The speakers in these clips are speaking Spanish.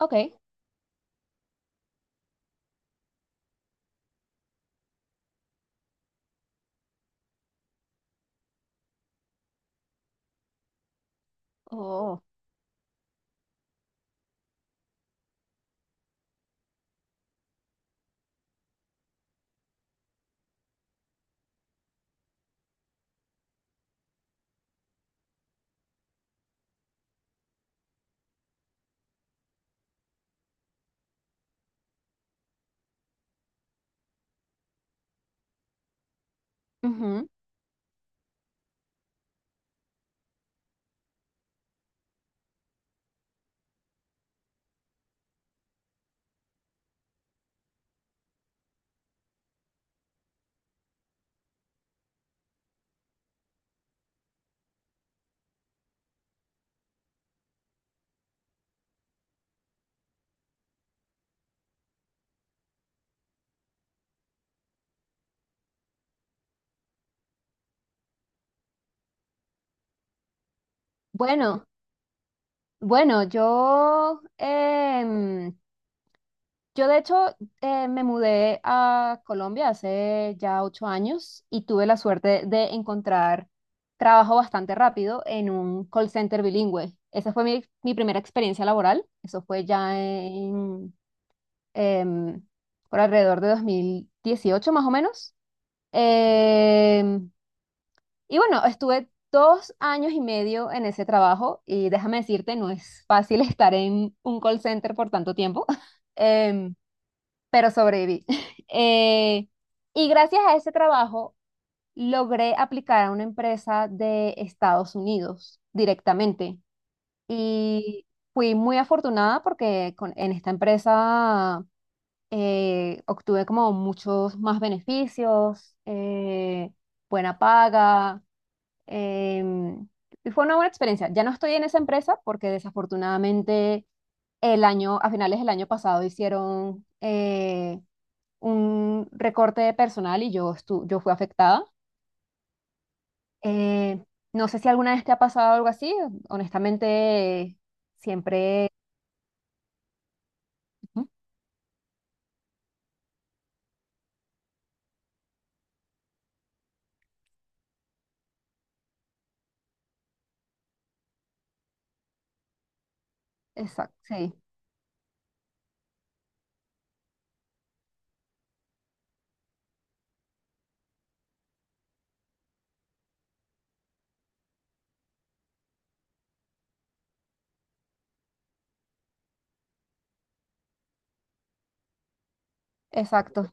Ok. Oh. ujú. Bueno, bueno, yo, em, yo de hecho me mudé a Colombia hace ya 8 años y tuve la suerte de encontrar trabajo bastante rápido en un call center bilingüe. Esa fue mi primera experiencia laboral. Eso fue ya em, por alrededor de 2018 más o menos. Em, Y bueno, estuve 2 años y medio en ese trabajo y déjame decirte, no es fácil estar en un call center por tanto tiempo, em, pero sobreviví. Eh, y gracias a ese trabajo logré aplicar a una empresa de Estados Unidos directamente. Y fui muy afortunada porque en esta empresa obtuve como muchos más beneficios, buena paga. Em, y fue una buena experiencia. Ya no estoy en esa empresa porque desafortunadamente a finales del año pasado hicieron un recorte de personal yo fui afectada. Eh, no sé si alguna vez te ha pasado algo así. Honestamente, siempre... Exacto, sí, exacto.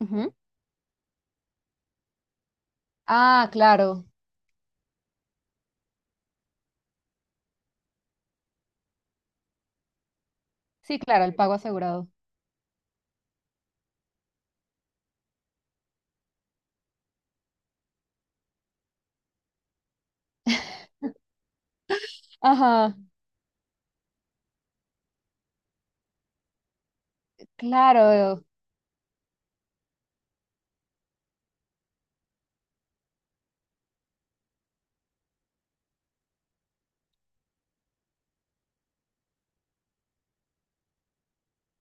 Ujú. Ah, claro. Sí, claro, el pago asegurado. Ajá, claro.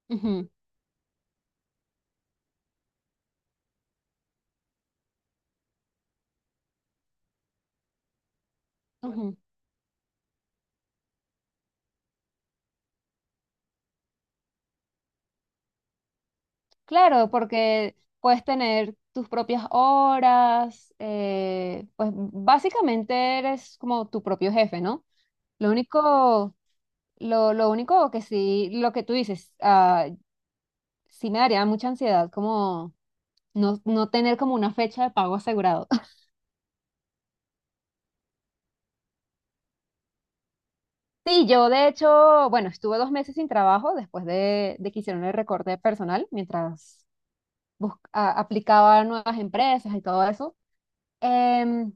Ujú, ujú. Claro, porque puedes tener tus propias horas, pues básicamente eres como tu propio jefe, ¿no? Lo único, lo único que sí, lo que tú dices, sí me daría mucha ansiedad como no, no tener como una fecha de pago asegurado. Sí, yo de hecho, bueno, estuve 2 meses sin trabajo después de que hicieron el recorte personal mientras aplicaba a nuevas empresas y todo eso. Em,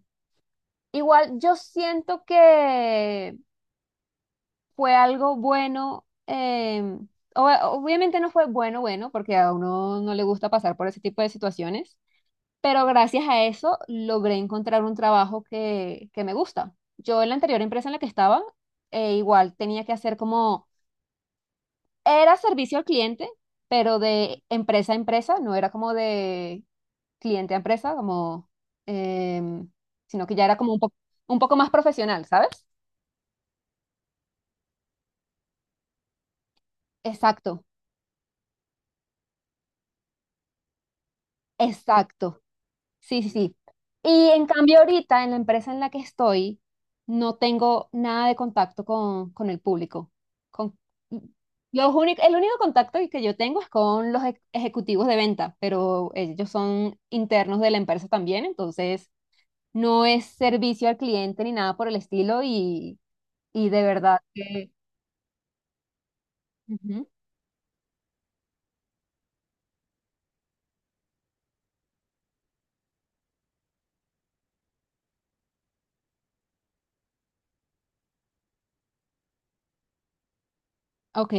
Igual yo siento que fue algo bueno, obviamente no fue bueno, bueno, porque a uno no le gusta pasar por ese tipo de situaciones, pero gracias a eso logré encontrar un trabajo que me gusta. Yo en la anterior empresa en la que estaba, igual tenía que hacer como, era servicio al cliente, pero de empresa a empresa, no era como de cliente a empresa, em, sino que ya era como un poco más profesional, ¿sabes? Exacto. Exacto, sí, sí, sí. Y en cambio ahorita en la empresa en la que estoy, no tengo nada de contacto con el público. Con, el único contacto que yo tengo es con los ejecutivos de venta, pero ellos son internos de la empresa también, entonces no es servicio al cliente ni nada por el estilo y de verdad que... Ujú. Ok,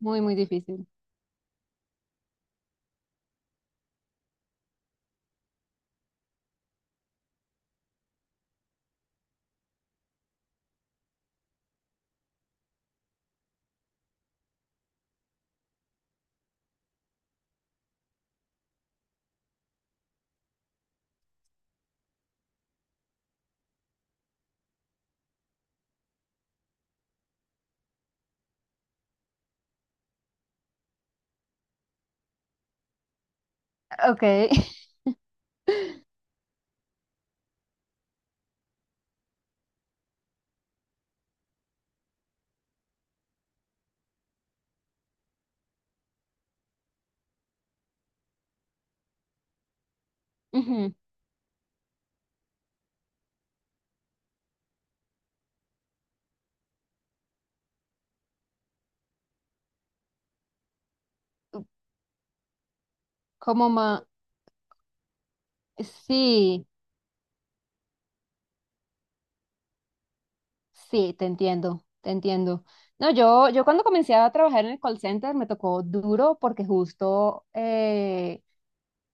muy, muy difícil. Ok. Ujú. Como más... Sí. Sí, te entiendo, te entiendo. No, yo cuando comencé a trabajar en el call center me tocó duro porque justo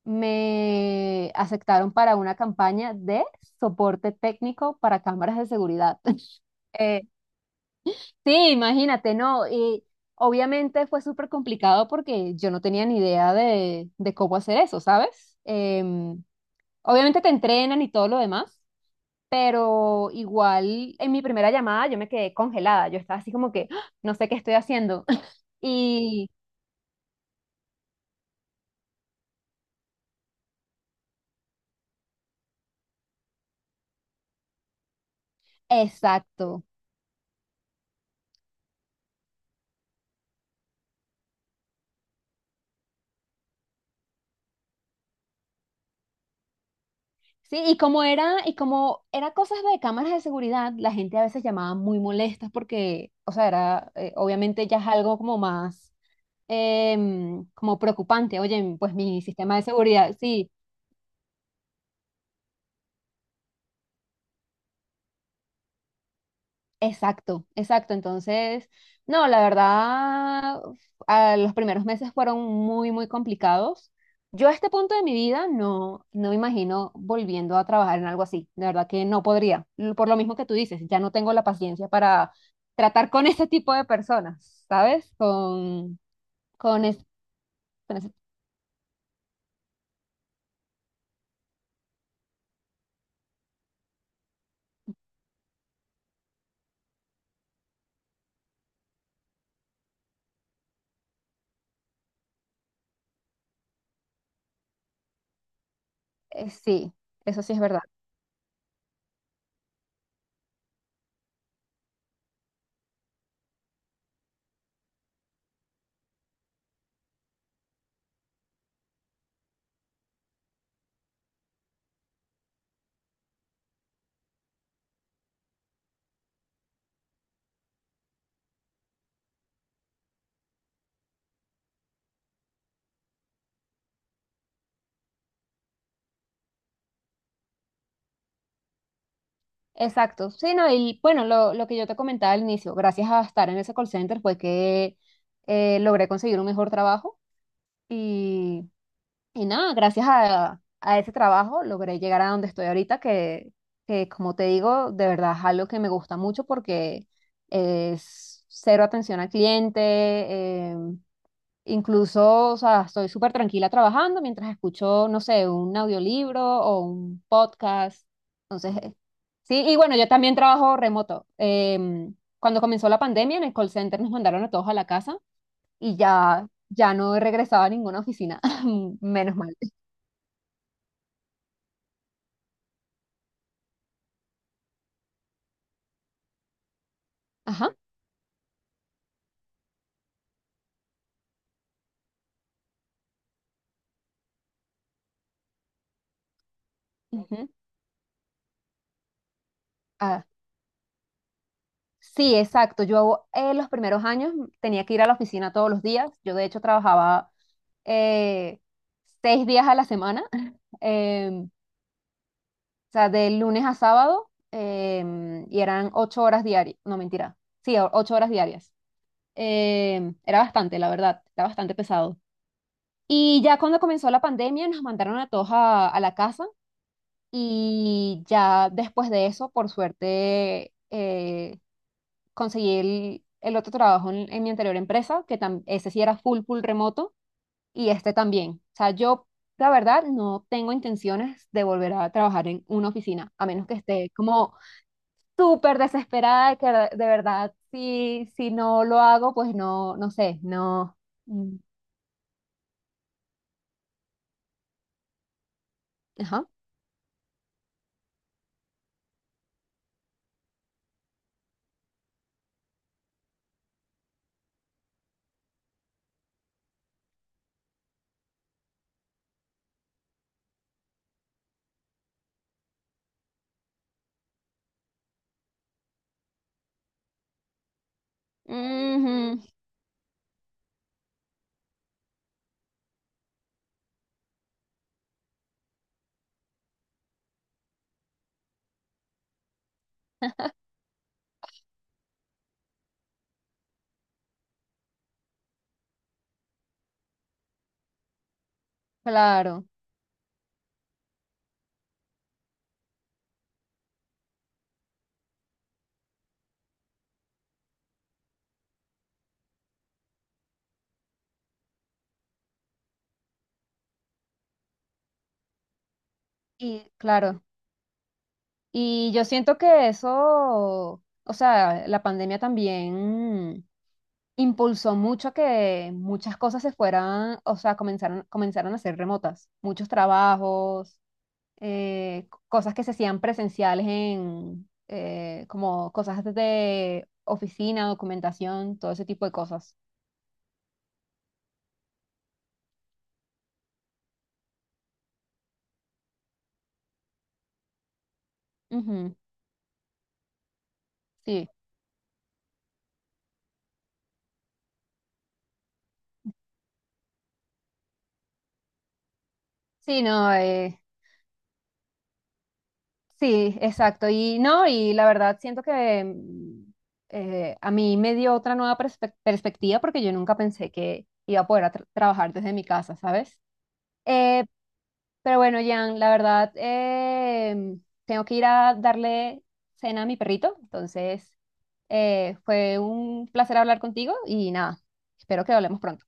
me aceptaron para una campaña de soporte técnico para cámaras de seguridad. Eh, Sí, imagínate, ¿no? Y obviamente fue súper complicado porque yo no tenía ni idea de cómo hacer eso, ¿sabes? Em, obviamente te entrenan y todo lo demás, pero igual en mi primera llamada yo me quedé congelada, yo estaba así como que, "Ah, no sé qué estoy haciendo." Y exacto. Sí, y como era cosas de cámaras de seguridad, la gente a veces llamaba muy molestas porque, o sea, obviamente ya es algo como más, como preocupante. Oye, pues mi sistema de seguridad, sí. Exacto, exacto. Entonces, no, la verdad, a los primeros meses fueron muy, muy complicados. Yo a este punto de mi vida no, no me imagino volviendo a trabajar en algo así. De verdad que no podría. L- Por lo mismo que tú dices, ya no tengo la paciencia para tratar con ese tipo de personas, ¿sabes? Con, es- con ese- sí, eso sí es verdad. Exacto. Sí, no, y bueno, lo que yo te comentaba al inicio, gracias a estar en ese call center fue que logré conseguir un mejor trabajo. Y, y nada, gracias a ese trabajo logré llegar a donde estoy ahorita, que como te digo, de verdad es algo que me gusta mucho porque es cero atención al cliente, incluso, o sea, estoy súper tranquila trabajando mientras escucho, no sé, un audiolibro o un podcast. Entonces, sí, y bueno, yo también trabajo remoto. Cuando comenzó la pandemia, en el call center nos mandaron a todos a la casa y ya, ya no regresaba a ninguna oficina, menos mal. Ajá. Ujú. Ah, sí, exacto. Yo los primeros años tenía que ir a la oficina todos los días. Yo de hecho trabajaba eh, 6 días a la semana, o sea, de lunes a sábado, y eran 8 horas diarias. No, mentira. Sí, 8 horas diarias. Era bastante, la verdad, era bastante pesado. Y ya cuando comenzó la pandemia nos mandaron a todos a la casa. Y ya después de eso, por suerte, conseguí el otro trabajo en mi anterior empresa, ese sí era full, full remoto, y este también. O sea, yo, la verdad, no tengo intenciones de volver a trabajar en una oficina, a menos que esté como súper desesperada, de que de verdad, si, si no lo hago, pues no, no sé, no. Mm, ajá. Ujú, claro. Y claro. Y yo siento que eso, o sea, la pandemia también impulsó mucho a que muchas cosas se fueran, o sea, comenzaron, comenzaron a ser remotas. Muchos trabajos, cosas que se hacían presenciales como cosas de oficina, documentación, todo ese tipo de cosas. Ujú, sí, sí, no, eh, sí, exacto. Y no, y la verdad siento que a mí me dio otra nueva perspectiva porque yo nunca pensé que iba a poder a trabajar desde mi casa, ¿sabes? Eh, pero bueno, Jan, la verdad, tengo que ir a darle cena a mi perrito. Entonces, fue un placer hablar contigo y nada, espero que hablemos pronto.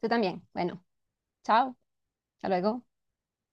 Tú también. Bueno, chao. Hasta luego.